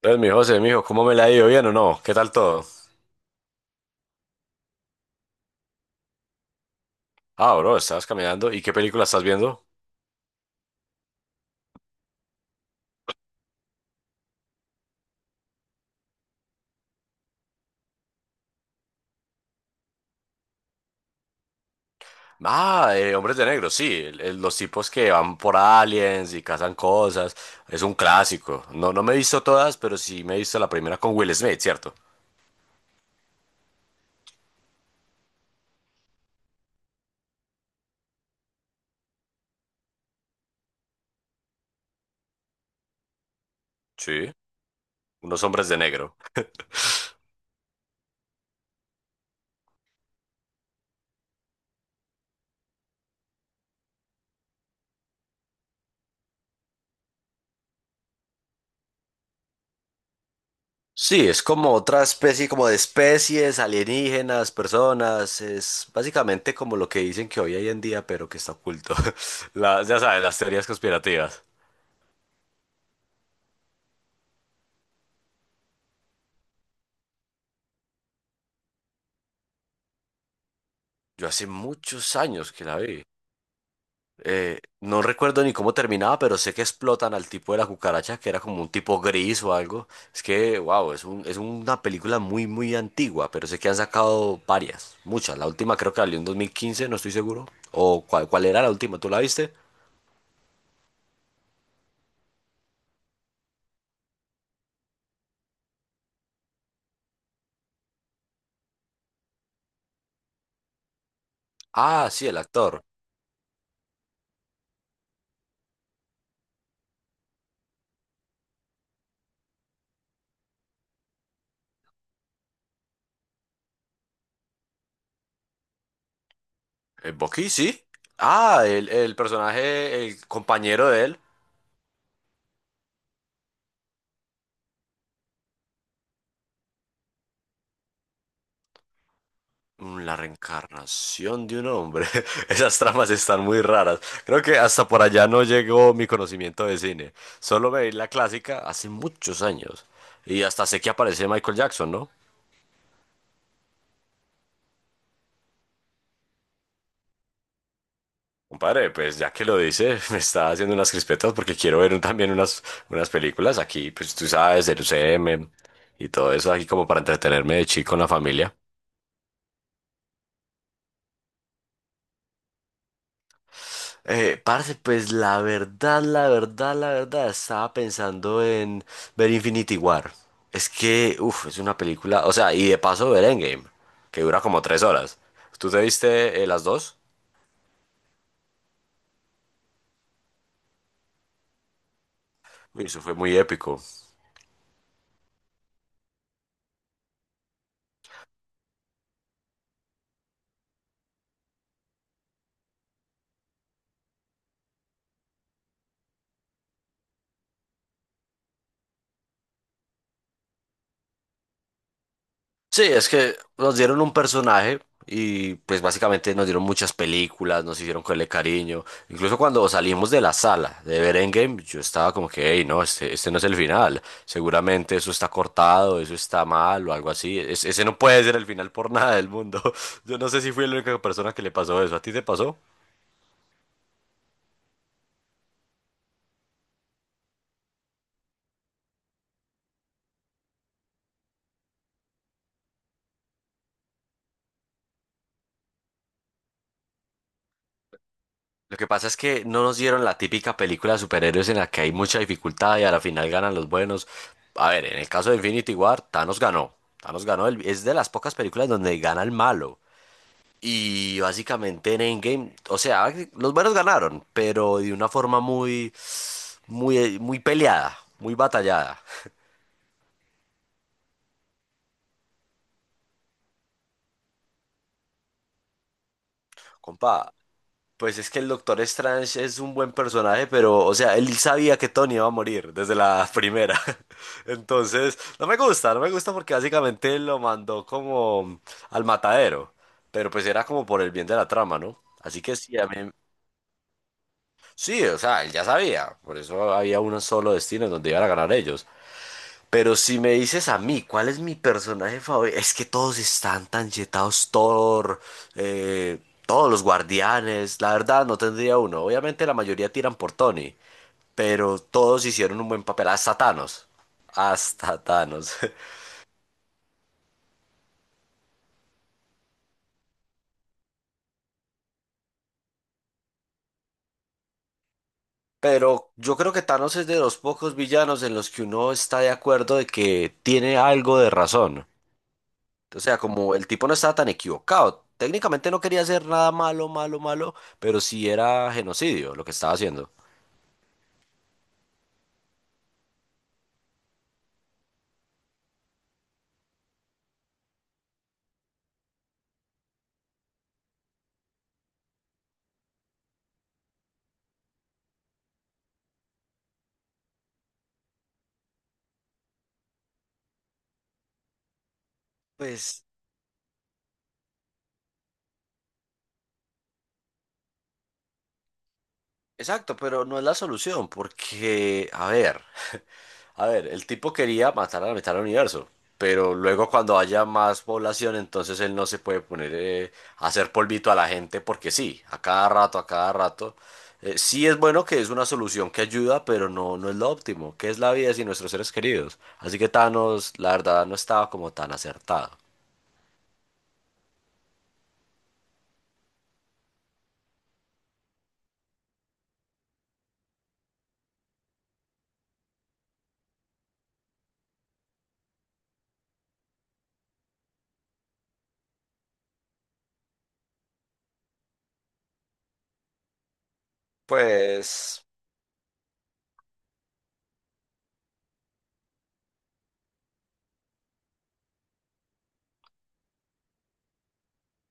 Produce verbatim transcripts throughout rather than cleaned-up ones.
Entonces, mi José, mijo, ¿cómo me la ha ido? ¿Bien o no? ¿Qué tal todo? Ah, bro, estabas caminando. ¿Y qué película estás viendo? Ah, eh, Hombres de Negro, sí. El- el- los tipos que van por aliens y cazan cosas. Es un clásico. No, no me he visto todas, pero sí me he visto la primera con Will Smith, ¿cierto? Sí. Unos hombres de negro. Sí, es como otra especie, como de especies, alienígenas, personas. Es básicamente como lo que dicen que hoy hay en día, pero que está oculto. La- ya sabes, las teorías conspirativas. Yo hace muchos años que la vi. Eh, no recuerdo ni cómo terminaba, pero sé que explotan al tipo de la cucaracha, que era como un tipo gris o algo. Es que, wow, es un, es una película muy, muy antigua, pero sé que han sacado varias, muchas. La última creo que salió en dos mil quince, no estoy seguro. ¿O cuál, cuál era la última? ¿Tú la viste? Ah, sí, el actor. ¿El Bucky, sí? Ah, el, el personaje, el compañero de él. Mm, la reencarnación de un hombre. Esas tramas están muy raras. Creo que hasta por allá no llegó mi conocimiento de cine. Solo veí la clásica hace muchos años. Y hasta sé que aparece Michael Jackson, ¿no? Compadre, pues ya que lo dice, me está haciendo unas crispetas porque quiero ver un- también unas, unas películas aquí, pues tú sabes, el U C M y todo eso aquí como para entretenerme de chico en la familia. Eh, parce, pues la verdad, la verdad, la verdad, estaba pensando en ver Infinity War. Es que, uff, es una película, o sea, y de paso ver Endgame, que dura como tres horas. ¿Tú te viste eh, las dos? Uy, eso fue muy épico. Sí, es que nos dieron un personaje y pues básicamente nos dieron muchas películas, nos hicieron cogerle cariño. Incluso cuando salimos de la sala de ver Endgame, yo estaba como que, hey, no, este, este no es el final. Seguramente eso está cortado, eso está mal o algo así. Es- ese no puede ser el final por nada del mundo. Yo no sé si fui la única persona que le pasó eso. ¿A ti te pasó? Lo que pasa es que no nos dieron la típica película de superhéroes en la que hay mucha dificultad y a la final ganan los buenos. A ver, en el caso de Infinity War, Thanos ganó. Thanos ganó, el- es de las pocas películas donde gana el malo. Y básicamente en Endgame, o sea, los buenos ganaron, pero de una forma muy, muy, muy peleada, muy batallada. Compa, pues es que el Doctor Strange es un buen personaje, pero, o sea, él sabía que Tony iba a morir desde la primera. Entonces, no me gusta, no me gusta porque básicamente lo mandó como al matadero. Pero pues era como por el bien de la trama, ¿no? Así que sí, a mí, sí, o sea, él ya sabía. Por eso había un solo destino en donde iban a ganar ellos. Pero si me dices a mí, ¿cuál es mi personaje favorito? Es que todos están tan yetados, Thor, eh, todos los guardianes. La verdad, no tendría uno. Obviamente la mayoría tiran por Tony, pero todos hicieron un buen papel. Hasta Thanos. Hasta Thanos. Pero yo creo que Thanos es de los pocos villanos en los que uno está de acuerdo de que tiene algo de razón. O sea, como el tipo no estaba tan equivocado. Técnicamente no quería hacer nada malo, malo, malo, pero sí era genocidio lo que estaba haciendo. Pues, exacto, pero no es la solución, porque, a ver, a ver, el tipo quería matar a la mitad del universo, pero luego cuando haya más población, entonces él no se puede poner eh, a hacer polvito a la gente, porque sí, a cada rato, a cada rato. Eh, sí es bueno que es una solución que ayuda, pero no, no es lo óptimo, que es la vida sin nuestros seres queridos. Así que Thanos, la verdad, no estaba como tan acertado. Pues...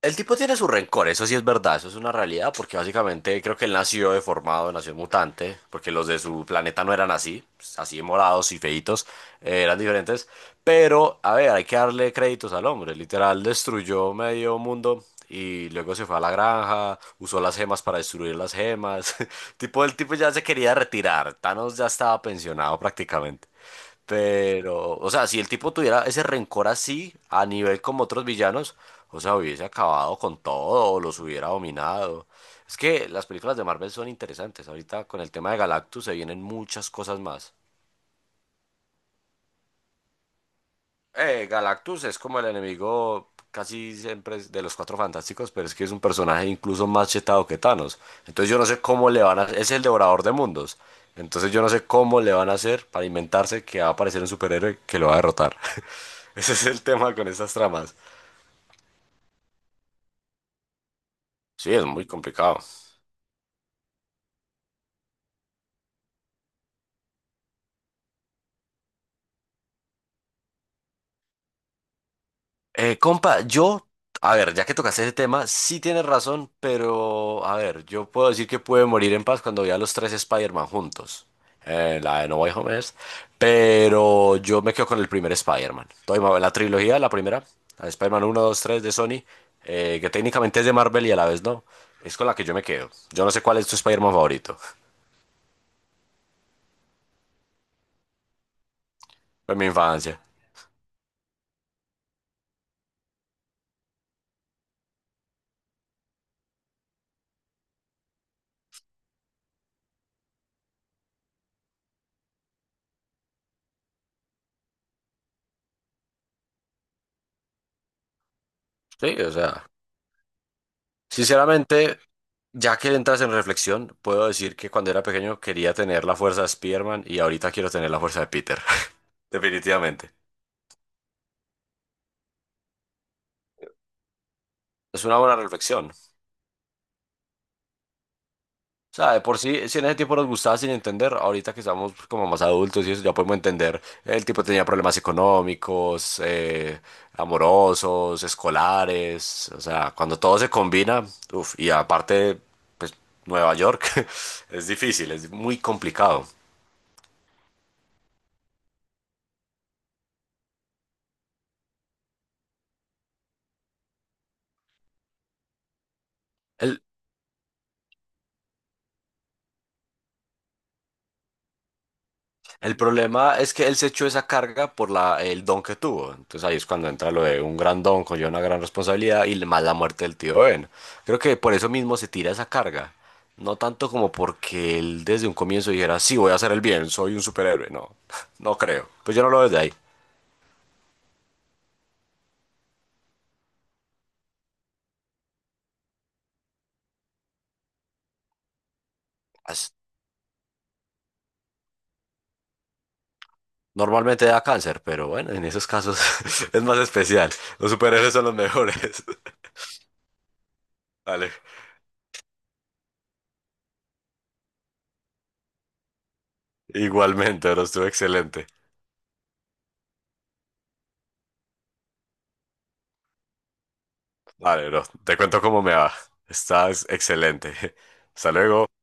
El tipo tiene su rencor, eso sí es verdad, eso es una realidad, porque básicamente creo que él nació deformado, nació mutante, porque los de su planeta no eran así, pues, así de morados y feitos, eh, eran diferentes. Pero, a ver, hay que darle créditos al hombre, literal destruyó medio mundo y luego se fue a la granja, usó las gemas para destruir las gemas. Tipo, el tipo ya se quería retirar, Thanos ya estaba pensionado prácticamente. Pero, o sea, si el tipo tuviera ese rencor así, a nivel como otros villanos, o sea, hubiese acabado con todo, o los hubiera dominado. Es que las películas de Marvel son interesantes. Ahorita con el tema de Galactus se vienen muchas cosas más. Eh, Galactus es como el enemigo, casi siempre es de los Cuatro Fantásticos, pero es que es un personaje incluso más chetado que Thanos. Entonces yo no sé cómo le van a... Es el devorador de mundos. Entonces yo no sé cómo le van a hacer para inventarse que va a aparecer un superhéroe que lo va a derrotar. Ese es el tema con estas tramas. Sí, es muy complicado. Eh, compa, yo, a ver, ya que tocaste ese tema, sí tienes razón, pero a ver, yo puedo decir que pude morir en paz cuando vi a los tres Spider-Man juntos. eh, la de No Way Home es, pero yo me quedo con el primer Spider-Man. Estoy ma- La trilogía, la primera, la de Spider-Man uno, dos, tres de Sony, eh, que técnicamente es de Marvel y a la vez no. Es con la que yo me quedo. Yo no sé cuál es tu Spider-Man favorito. Fue mi infancia. Sí, o sea, sinceramente, ya que entras en reflexión, puedo decir que cuando era pequeño quería tener la fuerza de Spider-Man y ahorita quiero tener la fuerza de Peter. Definitivamente. Es una buena reflexión. O sea, de por sí, si en ese tiempo nos gustaba sin entender, ahorita que estamos como más adultos y eso, ya podemos entender. El tipo tenía problemas económicos, eh, amorosos, escolares. O sea, cuando todo se combina, uf, y aparte, pues Nueva York, es difícil, es muy complicado. El- El problema es que él se echó esa carga por la, el don que tuvo. Entonces ahí es cuando entra lo de un gran don, conlleva una gran responsabilidad y más la muerte del tío Ben. Creo que por eso mismo se tira esa carga. No tanto como porque él desde un comienzo dijera, sí, voy a hacer el bien, soy un superhéroe. No, no creo. Pues yo no lo veo desde ahí. As- Normalmente da cáncer, pero bueno, en esos casos es más especial. Los superhéroes son los mejores. Vale. Igualmente, pero estuvo excelente. Vale, bro. Te cuento cómo me va. Estás excelente. Hasta luego.